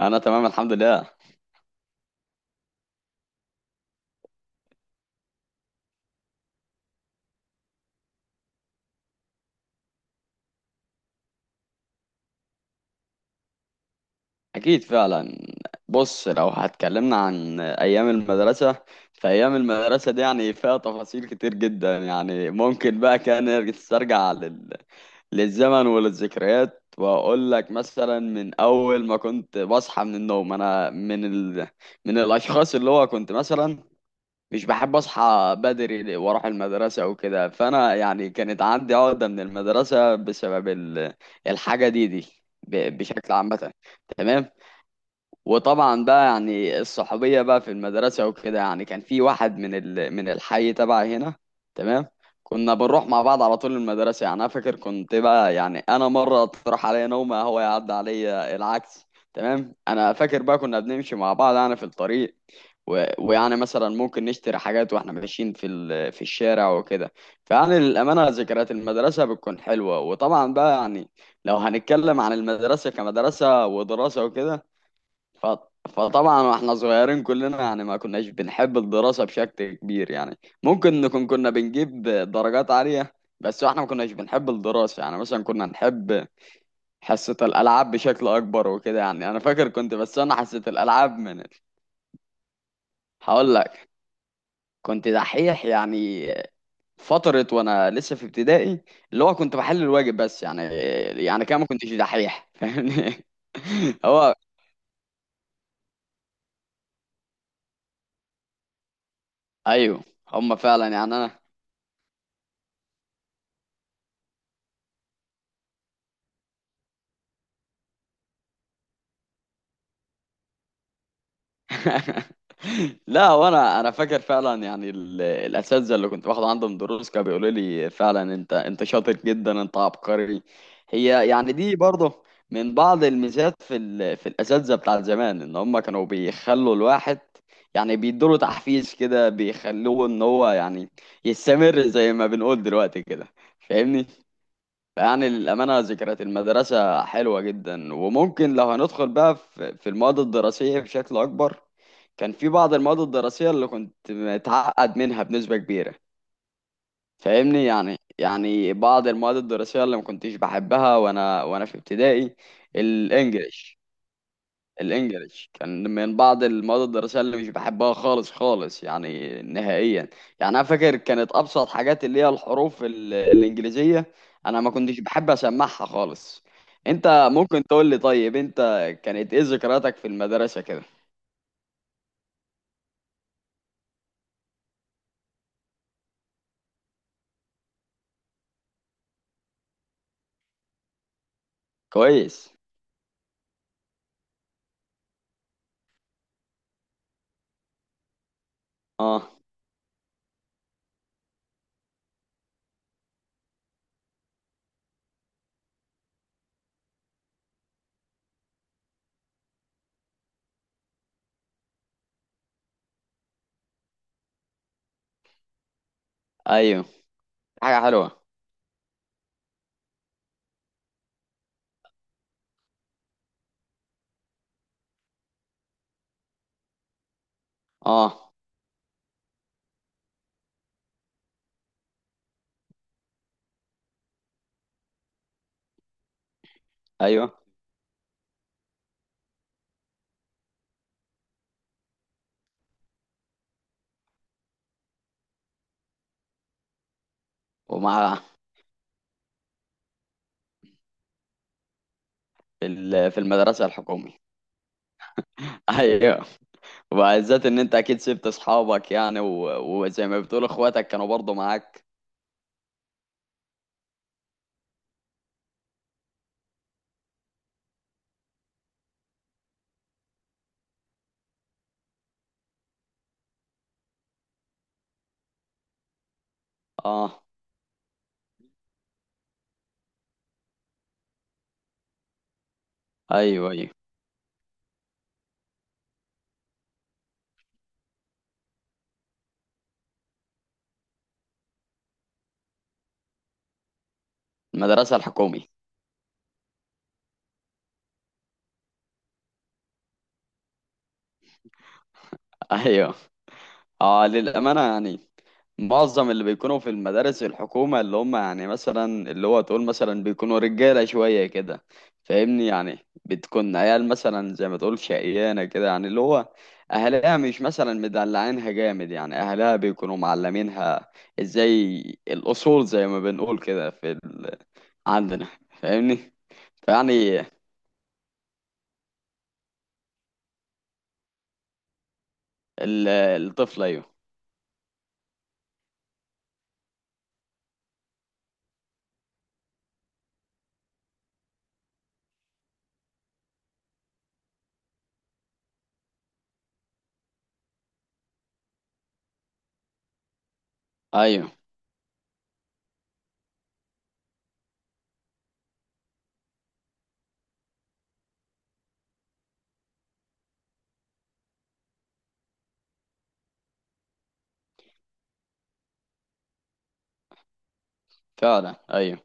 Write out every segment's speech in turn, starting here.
انا تمام الحمد لله. اكيد فعلا. بص، لو هتكلمنا عن ايام المدرسه، فايام المدرسه دي يعني فيها تفاصيل كتير جدا، يعني ممكن بقى كان نسترجع للزمن وللذكريات، واقول لك مثلا من اول ما كنت بصحى من النوم، انا من من الاشخاص اللي هو كنت مثلا مش بحب اصحى بدري واروح المدرسه وكده. فانا يعني كانت عندي عقده من المدرسه بسبب الحاجه دي بشكل عامه. تمام. وطبعا بقى يعني الصحوبية بقى في المدرسة وكده، يعني كان في واحد من من الحي تبعي هنا. تمام. كنا بنروح مع بعض على طول المدرسة، يعني أنا فاكر كنت بقى يعني أنا مرة تروح عليا نومة هو يعدي عليا، العكس تمام. أنا فاكر بقى كنا بنمشي مع بعض يعني في الطريق ويعني مثلا ممكن نشتري حاجات واحنا ماشيين في في الشارع وكده. فيعني للأمانة ذكريات المدرسة بتكون حلوة. وطبعا بقى يعني لو هنتكلم عن المدرسة كمدرسة ودراسة وكده ف... فطبعا واحنا صغيرين كلنا يعني ما كناش بنحب الدراسة بشكل كبير، يعني ممكن نكون كنا بنجيب درجات عالية بس واحنا ما كناش بنحب الدراسة، يعني مثلا كنا نحب حصة الألعاب بشكل أكبر وكده. يعني أنا فاكر كنت بستنى حصة الألعاب هقول لك، كنت دحيح يعني فترة وأنا لسه في ابتدائي، اللي هو كنت بحل الواجب بس، يعني يعني كده ما كنتش دحيح، فاهمني. هو أيوه، هما فعلا يعني أنا. لا، وانا فاكر فعلا يعني الاساتذه اللي كنت باخد عندهم دروس كانوا بيقولوا لي فعلا انت شاطر جدا، انت عبقري. هي يعني دي برضه من بعض الميزات في في الاساتذه بتاع زمان، ان هم كانوا بيخلوا الواحد، يعني بيدوله تحفيز كده، بيخلوه ان هو يعني يستمر زي ما بنقول دلوقتي كده، فاهمني. يعني الأمانة ذكريات المدرسة حلوة جدا. وممكن لو هندخل بقى في في المواد الدراسية بشكل أكبر، كان في بعض المواد الدراسية اللي كنت متعقد منها بنسبة كبيرة. فاهمني يعني، يعني بعض المواد الدراسية اللي ما كنتش بحبها وأنا في ابتدائي، الإنجليش. الانجليش كان من بعض المواد الدراسيه اللي مش بحبها خالص خالص، يعني نهائيا. يعني انا فاكر كانت ابسط حاجات اللي هي الحروف الانجليزيه انا ما كنتش بحب اسمعها خالص. انت ممكن تقول لي، طيب انت كانت ايه ذكرياتك في المدرسه كده؟ كويس. اه. ايوه، حاجه حلوه. اه، ايوه. ومع، في في المدرسه الحكوميه. ايوه. وبالذات ان انت اكيد سبت اصحابك يعني، وزي ما بتقول اخواتك كانوا برضو معاك. اه. ايوه ايوه. المدرسه الحكومي. ايوه. اه للامانه يعني معظم اللي بيكونوا في المدارس الحكومه اللي هم يعني مثلا اللي هو تقول مثلا بيكونوا رجاله شويه كده. فاهمني يعني، بتكون عيال مثلا زي ما تقول شقيانه كده، يعني اللي هو اهلها مش مثلا مدلعينها جامد، يعني اهلها بيكونوا معلمينها ازاي الاصول زي ما بنقول كده في عندنا، فاهمني. فيعني الطفل ايوه. ايوه فعلا ايوه.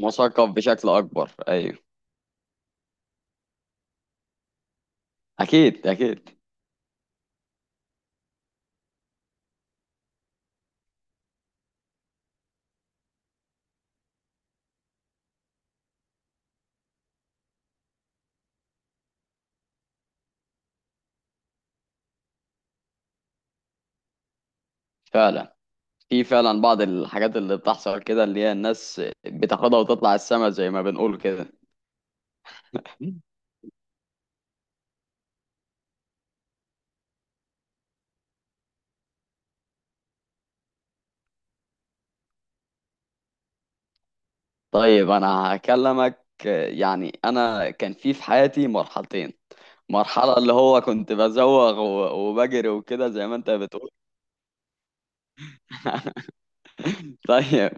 مثقف بشكل اكبر، ايوه. اكيد اكيد. فعلا، في فعلا بعض الحاجات اللي بتحصل كده اللي هي الناس بتاخدها وتطلع السما زي ما بنقول كده. طيب انا هكلمك، يعني انا كان في في حياتي مرحلتين. مرحلة اللي هو كنت بزوغ وبجري وكده زي ما انت بتقول. طيب،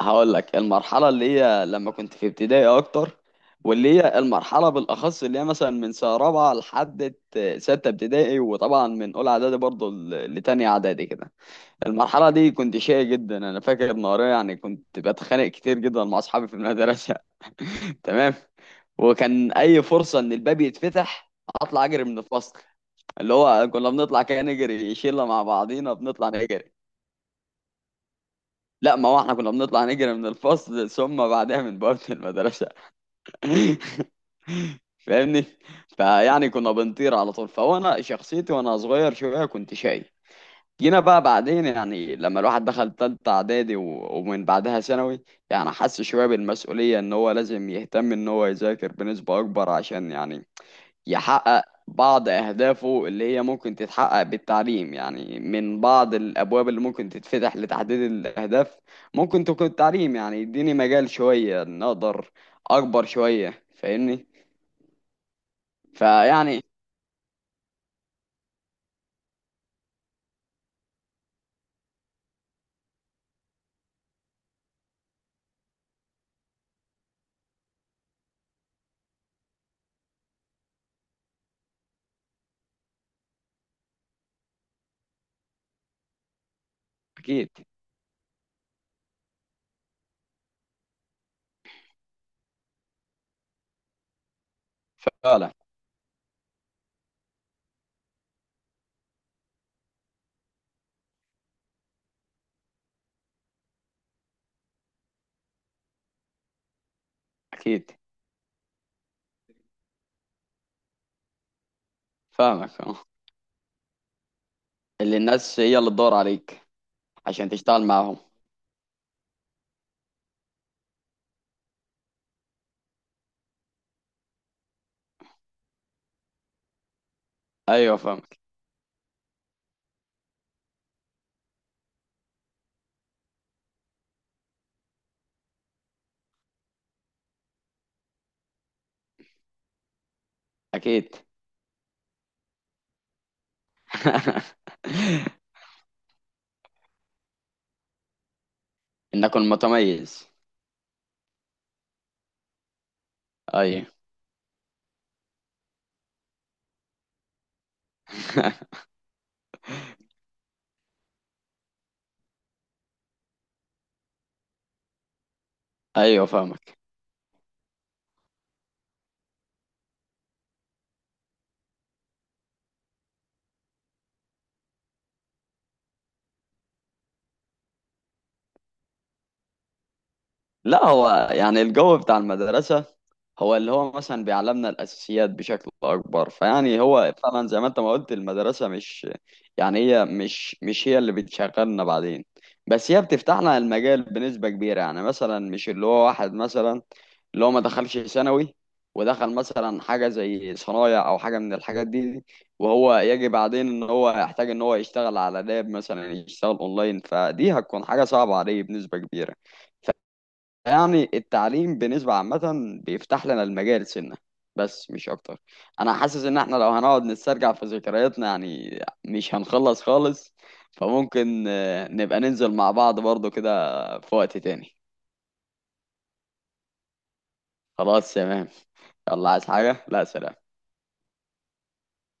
هقول لك المرحلة اللي هي لما كنت في ابتدائي أكتر، واللي هي المرحلة بالأخص اللي هي مثلا من سنة رابعة لحد ستة ابتدائي، وطبعا من أولى إعدادي برضه لتانية إعدادي كده. المرحلة دي كنت شقي جدا، أنا فاكر نهارية يعني كنت بتخانق كتير جدا مع أصحابي في المدرسة. تمام. وكان أي فرصة إن الباب يتفتح أطلع أجري من الفصل، اللي هو كنا بنطلع كده نجري شلة مع بعضينا بنطلع نجري. لا، ما هو احنا كنا بنطلع نجري من الفصل ثم بعدها من بوابة المدرسة. فاهمني. فيعني كنا بنطير على طول. فهو انا شخصيتي وانا صغير شوية كنت شاي. جينا بقى بعدين يعني لما الواحد دخل تالتة اعدادي ومن بعدها ثانوي، يعني حس شوية بالمسؤولية ان هو لازم يهتم ان هو يذاكر بنسبة اكبر، عشان يعني يحقق بعض أهدافه اللي هي ممكن تتحقق بالتعليم، يعني من بعض الأبواب اللي ممكن تتفتح لتحديد الأهداف. ممكن تكون التعليم يعني يديني مجال شوية نقدر أكبر شوية، فاهمني. فيعني أكيد. فعلا. أكيد. فاهمك أه. اللي الناس هي اللي تدور عليك عشان تشتغل معاهم. أيوه فاهمك. أكيد. إنك المتميز. أيوه. أيوه فاهمك. لا، هو يعني الجو بتاع المدرسة هو اللي هو مثلا بيعلمنا الأساسيات بشكل أكبر. فيعني هو فعلا زي ما أنت ما قلت، المدرسة مش يعني هي، مش مش هي اللي بتشغلنا بعدين، بس هي بتفتح لنا المجال بنسبة كبيرة. يعني مثلا مش اللي هو واحد مثلا اللي هو ما دخلش ثانوي ودخل مثلا حاجة زي صنايع أو حاجة من الحاجات دي، وهو يجي بعدين إن هو يحتاج إن هو يشتغل على لاب مثلا، يشتغل أونلاين، فدي هتكون حاجة صعبة عليه بنسبة كبيرة. يعني التعليم بنسبة عامة بيفتح لنا المجال سنة بس مش أكتر. أنا حاسس إن إحنا لو هنقعد نسترجع في ذكرياتنا يعني مش هنخلص خالص. فممكن نبقى ننزل مع بعض برضو كده في وقت تاني. خلاص تمام. يلا عايز حاجة؟ لا سلام.